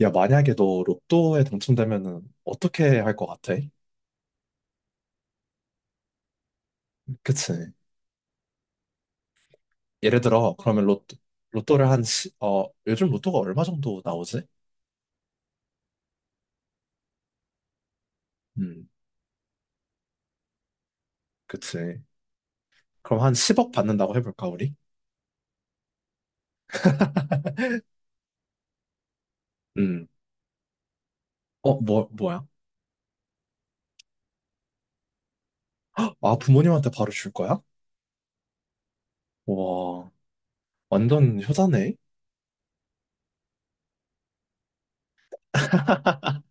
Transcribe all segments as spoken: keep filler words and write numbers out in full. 야, 만약에 너 로또에 당첨되면은 어떻게 할 것 같아? 그치? 예를 들어, 그러면 로또, 로또를 한, 시, 어, 요즘 로또가 얼마 정도 나오지? 음, 그치. 그럼 한 십억 받는다고 해볼까, 우리? 음, 어, 뭐, 뭐야? 아, 부모님한테 바로 줄 거야? 와, 완전 효자네?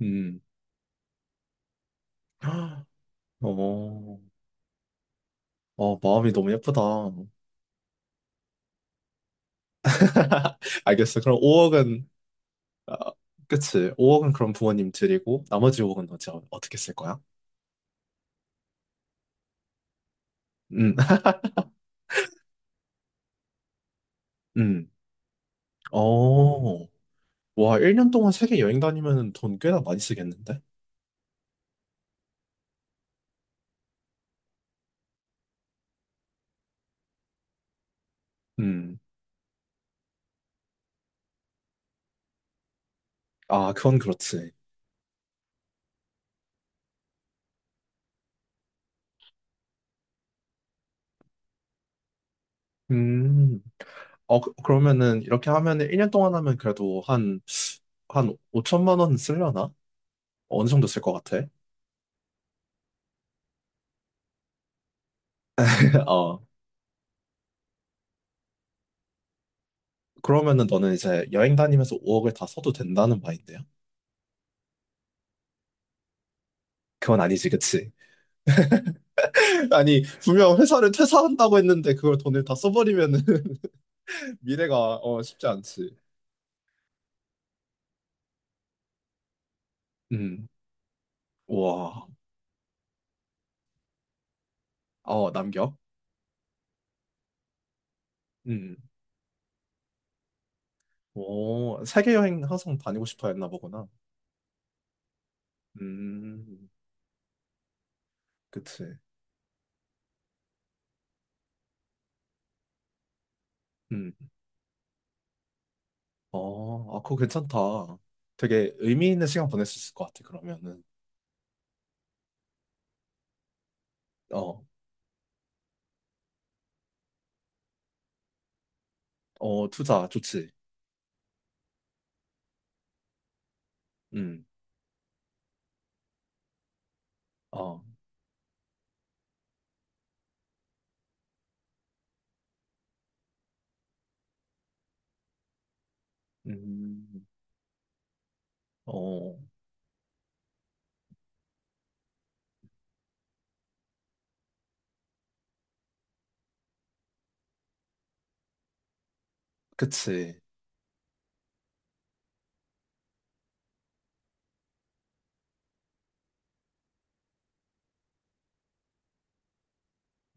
음, 어, 어, 마음이 너무 예쁘다. 알겠어. 그럼 오억은, 그치. 오억은 그럼 부모님 드리고, 나머지 오억은 어째- 어떻게 쓸 거야? 음, 음. 어. 와, 일 년 동안 세계 여행 다니면 돈 꽤나 많이 쓰겠는데? 음. 아, 그건 그렇지. 음. 어, 그, 러면은 이렇게 하면은 일 년 동안 하면 그래도 한, 한 오천만 원 쓰려나? 어느 정도 쓸 것 같아? 어. 그러면은 너는 이제 여행 다니면서 오억을 다 써도 된다는 말인데요? 그건 아니지, 그치? 아니, 분명 회사를 퇴사한다고 했는데 그걸 돈을 다 써버리면은 미래가 어, 쉽지 않지. 음. 와. 어, 남겨? 음. 오, 세계 여행 항상 다니고 싶어 했나 보구나. 음, 그치. 음, 어, 아, 그거 괜찮다. 되게 의미 있는 시간 보낼 수 있을 것 같아, 그러면은. 어, 어, 투자 좋지. 음, 어, 음, 어, 그치.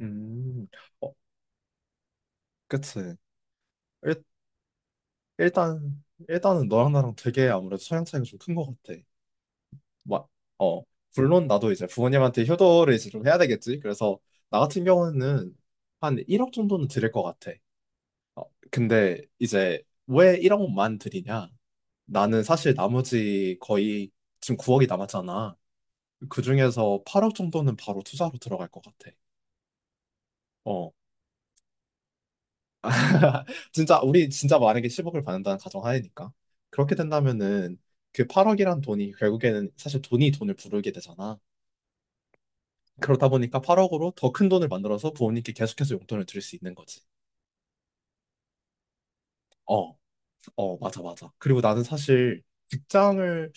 음, 어, 그치. 일, 일단, 일단은 너랑 나랑 되게 아무래도 성향 차이가 좀 큰 것 같아. 마- 어, 물론 나도 이제 부모님한테 효도를 이제 좀 해야 되겠지. 그래서 나 같은 경우는 한 일억 정도는 드릴 것 같아. 어, 근데 이제 왜 일억만 드리냐? 나는 사실 나머지 거의 지금 구억이 남았잖아. 그 중에서 팔억 정도는 바로 투자로 들어갈 것 같아. 어, 진짜 우리 진짜 만약에 십억을 받는다는 가정하에니까 그렇게 된다면은 그 팔억이란 돈이 결국에는 사실 돈이 돈을 부르게 되잖아. 그러다 보니까 팔억으로 더 큰 돈을 만들어서 부모님께 계속해서 용돈을 드릴 수 있는 거지. 어, 어, 맞아, 맞아. 그리고 나는 사실 직장을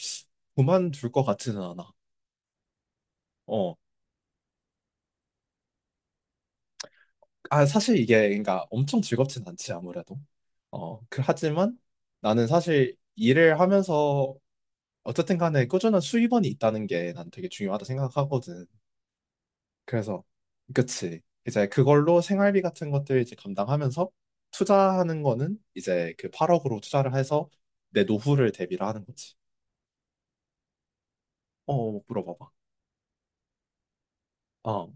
그만둘 것 같지는 않아. 어, 아, 사실 이게, 그러니까 엄청 즐겁진 않지, 아무래도. 어, 그, 하지만 나는 사실 일을 하면서 어쨌든 간에 꾸준한 수입원이 있다는 게 난 되게 중요하다 생각하거든. 그래서 그치 이제 그걸로 생활비 같은 것들 이제 감당하면서 투자하는 거는 이제 그 팔억으로 투자를 해서 내 노후를 대비를 하는 거지. 어, 물어봐봐. 어,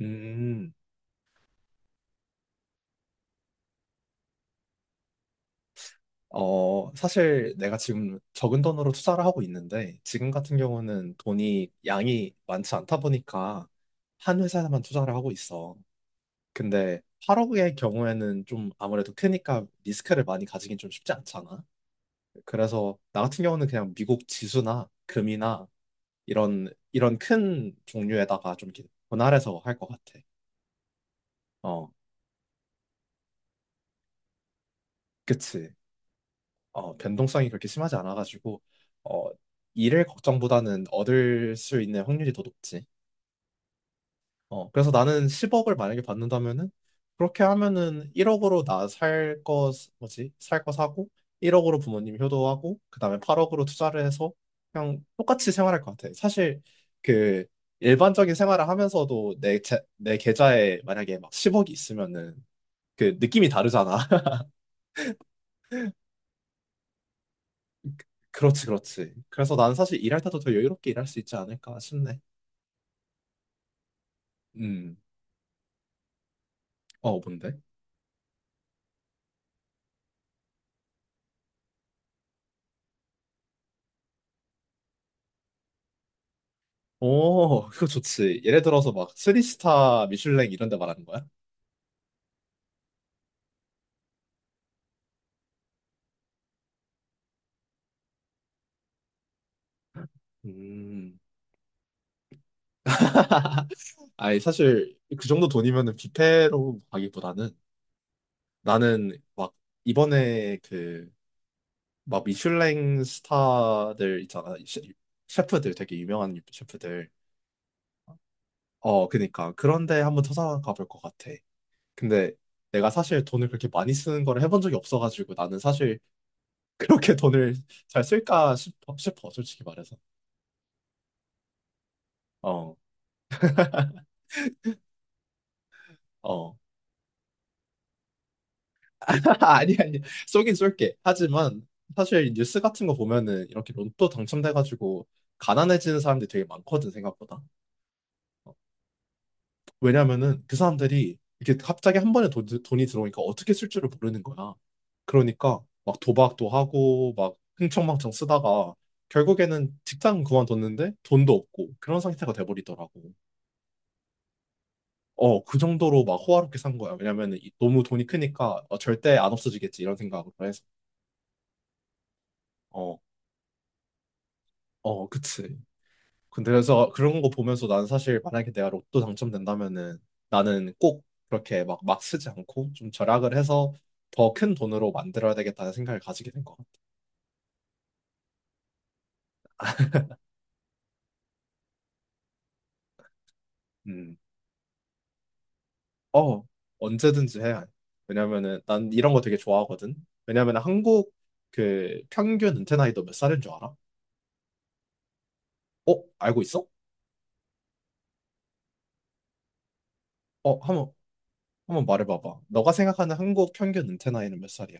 음, 어, 사실 내가 지금 적은 돈으로 투자를 하고 있는데 지금 같은 경우는 돈이 양이 많지 않다 보니까 한 회사에만 투자를 하고 있어. 근데 팔억의 경우에는 좀 아무래도 크니까 리스크를 많이 가지긴 좀 쉽지 않잖아. 그래서 나 같은 경우는 그냥 미국 지수나 금이나 이런 이런 큰 종류에다가 좀 이렇게 분할해서 할 것 같아. 어, 그치. 어, 변동성이 그렇게 심하지 않아가지고 어, 잃을 걱정보다는 얻을 수 있는 확률이 더 높지. 어, 그래서 나는 십억을 만약에 받는다면은, 그렇게 하면은 일억으로 나 살 거, 뭐지? 살 거 사고, 일억으로 부모님 효도하고, 그 다음에 팔억으로 투자를 해서, 그냥 똑같이 생활할 것 같아. 사실, 그, 일반적인 생활을 하면서도 내, 제, 내 계좌에 만약에 막 십억이 있으면은, 그 느낌이 다르잖아. 그렇지, 그렇지. 그래서 나는 사실 일할 때도 더 여유롭게 일할 수 있지 않을까 싶네. 음, 어, 뭔데? 오, 그거 좋지. 예를 들어서 막 쓰리 스타 미슐랭 이런 데 말하는 거야? 음, 아니, 사실, 그 정도 돈이면은 뷔페로 가기보다는 나는 막, 이번에 그, 막 미슐랭 스타들 있잖아. 셰- 셰프들, 되게 유명한 셰프들. 어, 그니까. 그런데 한번 찾아가 볼 것 같아. 근데 내가 사실 돈을 그렇게 많이 쓰는 걸 해본 적이 없어가지고 나는 사실 그렇게 돈을 잘 쓸까 싶어, 싶어, 솔직히 말해서. 어, 어. 아, 아니, 아니. 쏘긴 쏠게. 하지만 사실 뉴스 같은 거 보면은 이렇게 로또 당첨돼가지고 가난해지는 사람들이 되게 많거든, 생각보다. 왜냐면은 그 사람들이 이렇게 갑자기 한 번에 돈, 돈이 들어오니까 어떻게 쓸 줄을 모르는 거야. 그러니까 막 도박도 하고 막 흥청망청 쓰다가 결국에는 직장 그만뒀는데 돈도 없고 그런 상태가 돼버리더라고. 어, 그 정도로 막 호화롭게 산 거야. 왜냐면은 이- 너무 돈이 크니까 어, 절대 안 없어지겠지 이런 생각으로 해서. 어, 어, 그치. 근데 그래서 그런 거 보면서 난 사실 만약에 내가 로또 당첨된다면은 나는 꼭 그렇게 막 막 쓰지 않고 좀 절약을 해서 더 큰 돈으로 만들어야 되겠다는 생각을 가지게 된 것 같아. 음. 어, 언제든지 해야 해. 왜냐면은 난 이런 거 되게 좋아하거든. 왜냐면 한국 그 평균 은퇴 나이도 몇 살인 줄 알아? 어, 알고 있어? 어, 한번 한번 말해봐봐. 너가 생각하는 한국 평균 은퇴 나이는 몇 살이야?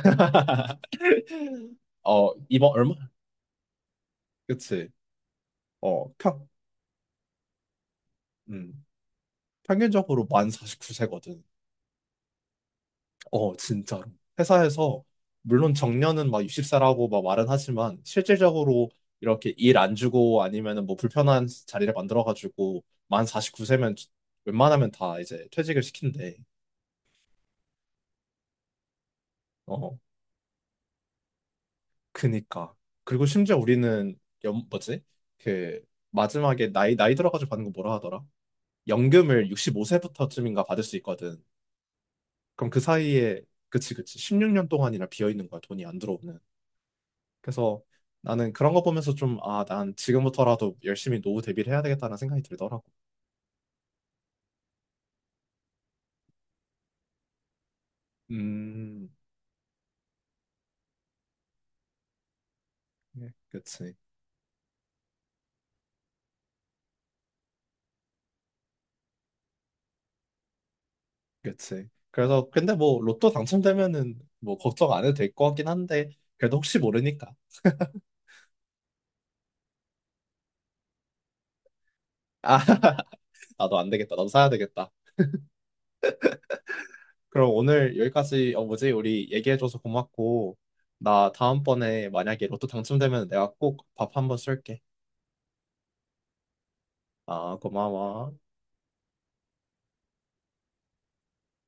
어, 이번 얼마? 그치? 어, 평. 음. 평균적으로 만 사십구 세거든. 어, 진짜로. 회사에서, 물론 정년은 막 육십 세라고 막 말은 하지만, 실질적으로 이렇게 일 안 주고 아니면은 뭐 불편한 자리를 만들어가지고, 만 사십구 세면 웬만하면 다 이제 퇴직을 시킨대. 어, 그니까. 그리고 심지어 우리는, 연, 뭐지? 그, 마지막에 나이, 나이 들어가지고 받는 거 뭐라 하더라? 연금을 육십오 세부터쯤인가 받을 수 있거든. 그럼 그 사이에, 그치, 그치. 십육 년 동안이나 비어 있는 거야, 돈이 안 들어오는. 그래서 나는 그런 거 보면서 좀, 아, 난 지금부터라도 열심히 노후 대비를 해야 되겠다는 생각이 들더라고. 음, 네. 그치, 그치. 그래서, 근데 뭐, 로또 당첨되면은 뭐, 걱정 안 해도 될 것 같긴 한데, 그래도 혹시 모르니까. 아, 나도 안 되겠다. 나도 사야 되겠다. 그럼 오늘 여기까지, 어, 뭐지? 우리 얘기해줘서 고맙고, 나 다음번에 만약에 로또 당첨되면 내가 꼭 밥 한번 쏠게. 아, 고마워.